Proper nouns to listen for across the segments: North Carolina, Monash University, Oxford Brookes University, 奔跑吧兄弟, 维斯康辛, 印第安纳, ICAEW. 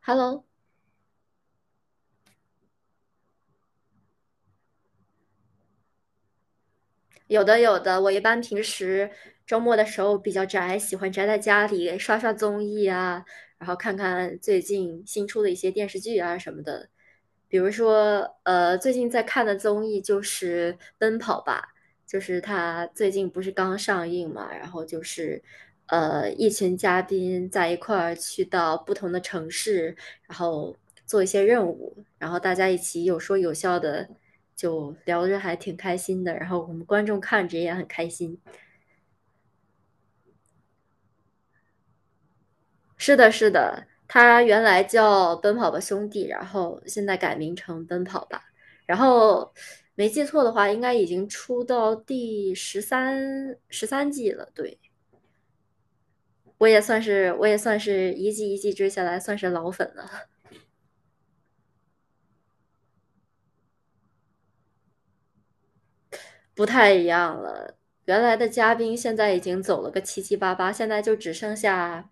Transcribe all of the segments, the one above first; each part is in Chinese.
Hello，有的有的，我一般平时周末的时候比较宅，喜欢宅在家里刷刷综艺啊，然后看看最近新出的一些电视剧啊什么的。比如说，最近在看的综艺就是《奔跑吧》，就是它最近不是刚上映嘛，然后就是一群嘉宾在一块儿去到不同的城市，然后做一些任务，然后大家一起有说有笑的。就聊着还挺开心的，然后我们观众看着也很开心。是的，是的，他原来叫《奔跑吧兄弟》，然后现在改名成《奔跑吧》，然后没记错的话，应该已经出到第十三十三季了。对，我也算是一季一季追下来，算是老粉了。不太一样了。原来的嘉宾现在已经走了个七七八八，现在就只剩下，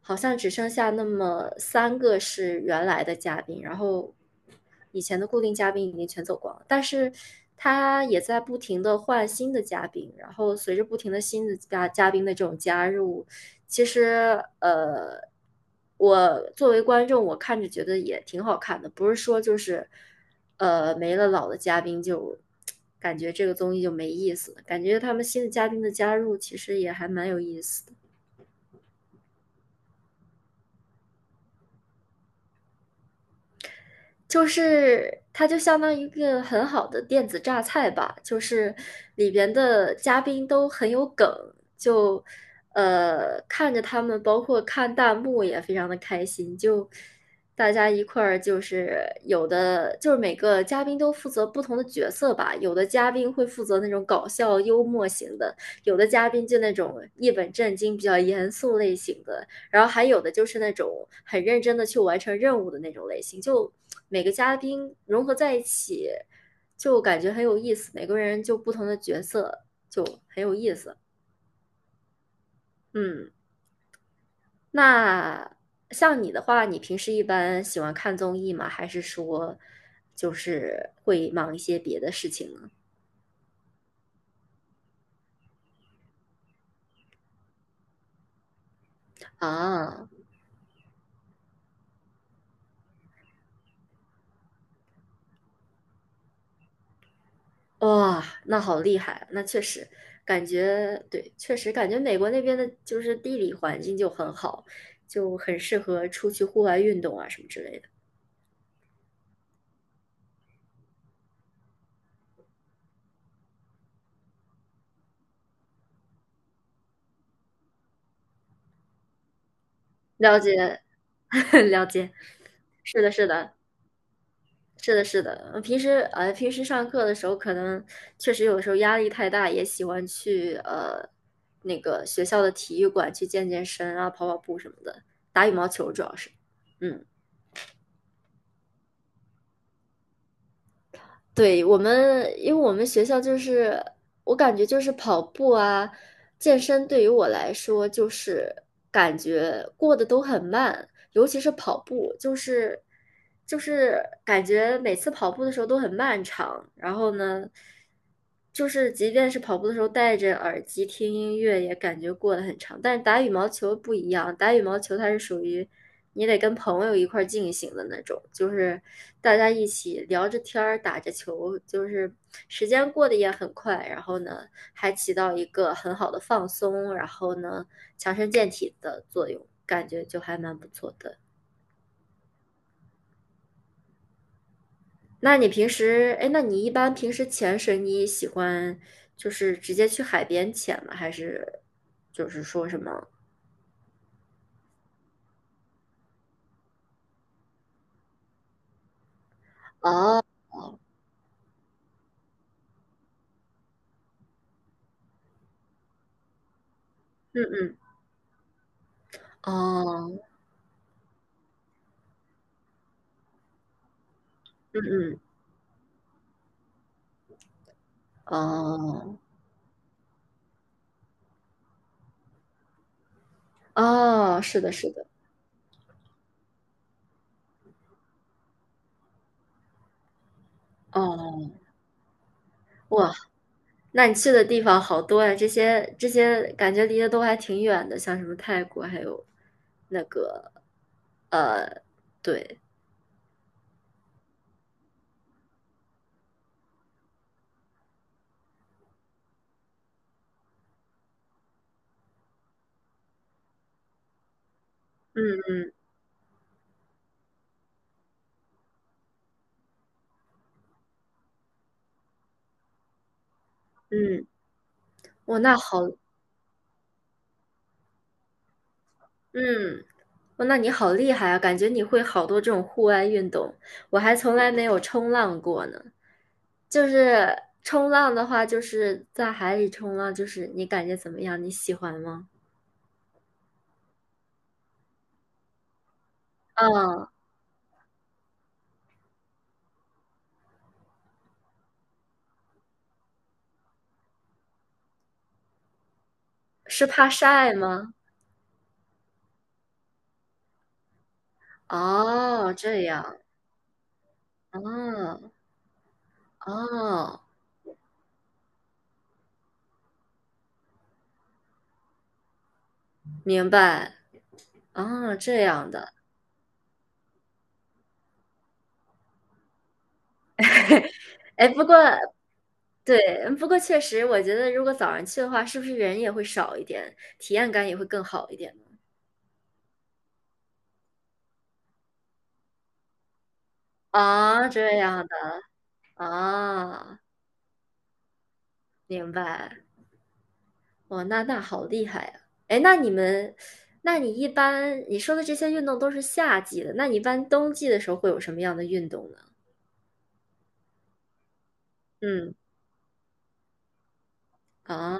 好像只剩下那么三个是原来的嘉宾，然后以前的固定嘉宾已经全走光了。但是他也在不停的换新的嘉宾，然后随着不停的新的嘉宾的这种加入，其实我作为观众，我看着觉得也挺好看的，不是说就是没了老的嘉宾就感觉这个综艺就没意思了，感觉他们新的嘉宾的加入其实也还蛮有意思的。就是它就相当于一个很好的电子榨菜吧，就是里边的嘉宾都很有梗，就看着他们，包括看弹幕也非常的开心，就大家一块儿就是有的就是每个嘉宾都负责不同的角色吧，有的嘉宾会负责那种搞笑幽默型的，有的嘉宾就那种一本正经比较严肃类型的，然后还有的就是那种很认真的去完成任务的那种类型，就每个嘉宾融合在一起，就感觉很有意思。每个人就不同的角色，就很有意思。嗯，那像你的话，你平时一般喜欢看综艺吗？还是说就是会忙一些别的事情呢？啊，哇，那好厉害啊！那确实，感觉对，确实感觉美国那边的就是地理环境就很好，就很适合出去户外运动啊什么之类的。了解，了解，是的，是的，是的，是的。平时上课的时候，可能确实有时候压力太大，也喜欢去那个学校的体育馆去健健身啊，跑跑步什么的，打羽毛球主要是，嗯。对，我们，因为我们学校就是，我感觉就是跑步啊、健身对于我来说，就是感觉过得都很慢，尤其是跑步，就是感觉每次跑步的时候都很漫长，然后呢，就是即便是跑步的时候戴着耳机听音乐，也感觉过得很长。但是打羽毛球不一样，打羽毛球它是属于你得跟朋友一块儿进行的那种，就是大家一起聊着天儿，打着球，就是时间过得也很快，然后呢，还起到一个很好的放松，然后呢。强身健体的作用，感觉就还蛮不错的。那你平时，哎，那你一般平时潜水，你喜欢就是直接去海边潜吗？还是就是说什么？哦，嗯嗯，哦，嗯嗯，哦，哦，是的，是的，哦，哇，那你去的地方好多呀，这些这些感觉离得都还挺远的，像什么泰国，还有那个，对，嗯嗯，哇，那好，嗯。哦，那你好厉害啊！感觉你会好多这种户外运动，我还从来没有冲浪过呢。就是冲浪的话，就是在海里冲浪，就是你感觉怎么样？你喜欢吗？嗯，是怕晒吗？哦，这样，哦哦，明白，哦，这样的。哎，不过对，不过确实，我觉得如果早上去的话，是不是人也会少一点，体验感也会更好一点呢？啊，这样的啊。哦明白，哇，那那好厉害呀！哎，那你们，那你一般你说的这些运动都是夏季的，那你一般冬季的时候会有什么样的运动呢？嗯，啊，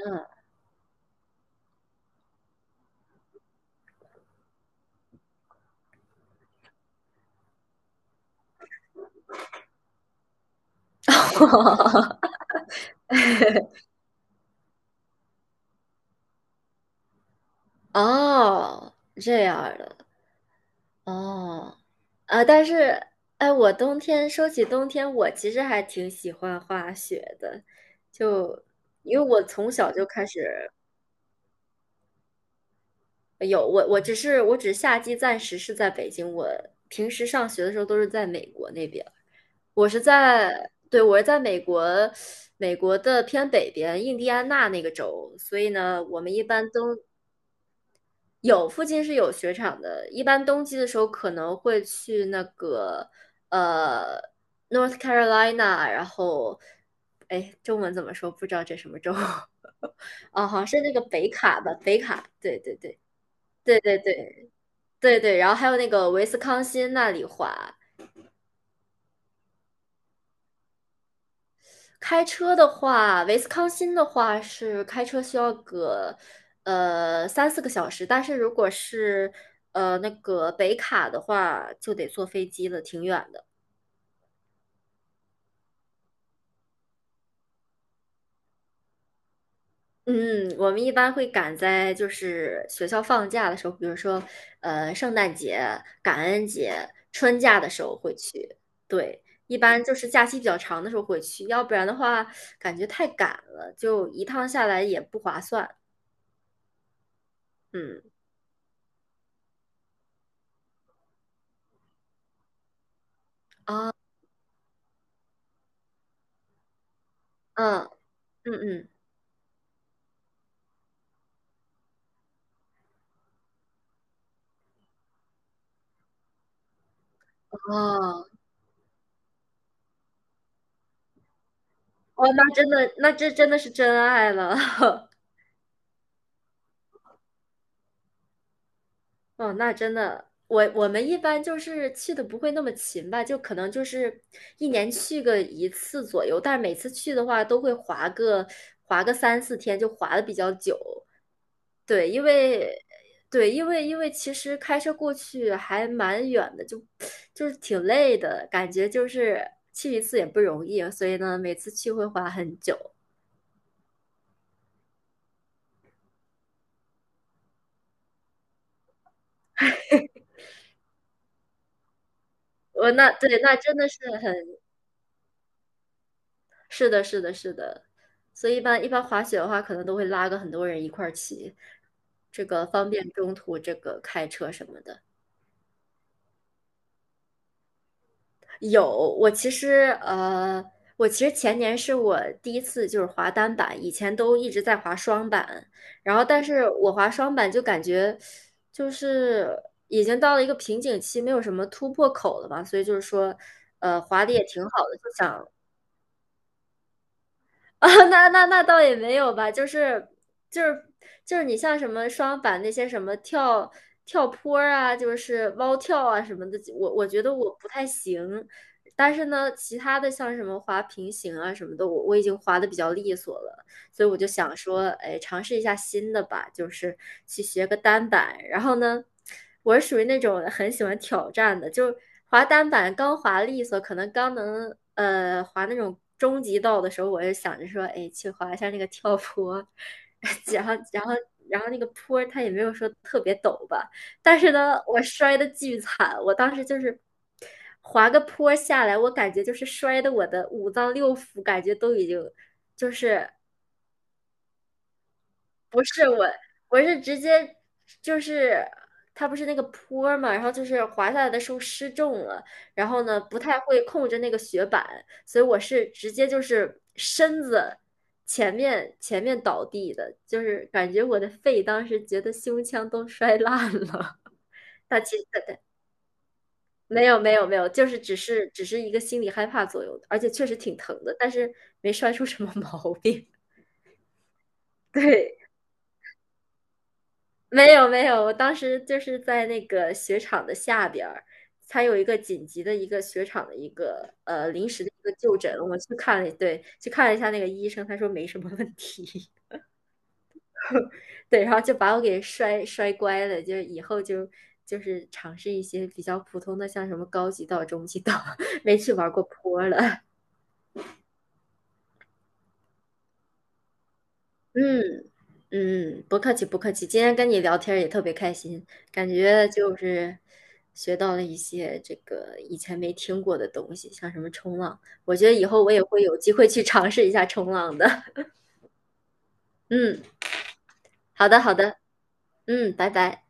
哦，这样儿的，哦，啊，但是，哎，我冬天说起冬天，我其实还挺喜欢滑雪的，就因为我从小就开始有我，我只是我只夏季暂时是在北京，我平时上学的时候都是在美国那边。我是在，对，我是在美国，美国的偏北边，印第安纳那个州，所以呢，我们一般冬有附近是有雪场的，一般冬季的时候可能会去那个呃 North Carolina，然后哎，中文怎么说？不知道这什么州 哦，好像是那个北卡吧，北卡，对对对对对对对对，然后还有那个维斯康辛那里滑，开车的话，维斯康星的话是开车需要个3、4个小时，但是如果是那个北卡的话，就得坐飞机了，挺远的。嗯，我们一般会赶在就是学校放假的时候，比如说圣诞节、感恩节、春假的时候会去。对，一般就是假期比较长的时候会去，要不然的话感觉太赶了，就一趟下来也不划算。嗯嗯嗯嗯。哦哦，那真的，那这真的是真爱了。哦，那真的，我我们一般就是去的不会那么勤吧，就可能就是一年去个一次左右，但是每次去的话都会滑个3、4天，就滑的比较久。对，因为对，因为其实开车过去还蛮远的，就就是挺累的，感觉就是去一次也不容易，所以呢，每次去会滑很久。我那对，那真的是很。是的，是的，是的，所以一般一般滑雪的话，可能都会拉个很多人一块儿骑，这个方便中途这个开车什么的。有，我其实呃，我其实前年是我第一次就是滑单板，以前都一直在滑双板，然后但是我滑双板就感觉就是已经到了一个瓶颈期，没有什么突破口了嘛，所以就是说，滑的也挺好的，就想啊，那倒也没有吧，就是就是你像什么双板那些什么跳坡儿啊，就是蛙跳啊什么的，我我觉得我不太行。但是呢，其他的像什么滑平行啊什么的，我我已经滑的比较利索了。所以我就想说，哎，尝试一下新的吧，就是去学个单板。然后呢，我是属于那种很喜欢挑战的，就滑单板刚滑利索，可能刚能滑那种终极道的时候，我就想着说，哎，去滑一下那个跳坡，然后然后然后那个坡它也没有说特别陡吧，但是呢，我摔的巨惨，我当时就是。滑个坡下来，我感觉就是摔的我的五脏六腑感觉都已经就是不是我，是直接就是它不是那个坡儿嘛，然后就是滑下来的时候失重了，然后呢不太会控制那个雪板，所以我是直接就是身子前面倒地的，就是感觉我的肺当时觉得胸腔都摔烂了。那其实对没有没有没有，就是只是一个心理害怕作用的，而且确实挺疼的，但是没摔出什么毛病。对。没有没有，我当时就是在那个雪场的下边儿，它有一个紧急的一个雪场的一个临时的一个就诊，我去看了，对，去看了一下那个医生，他说没什么问题，对，然后就把我给摔乖了，就是以后就是尝试一些比较普通的，像什么高级道、中级道，没去玩过坡了，嗯。嗯，不客气不客气，今天跟你聊天儿也特别开心，感觉就是学到了一些这个以前没听过的东西，像什么冲浪，我觉得以后我也会有机会去尝试一下冲浪的。嗯，好的好的，嗯，拜拜。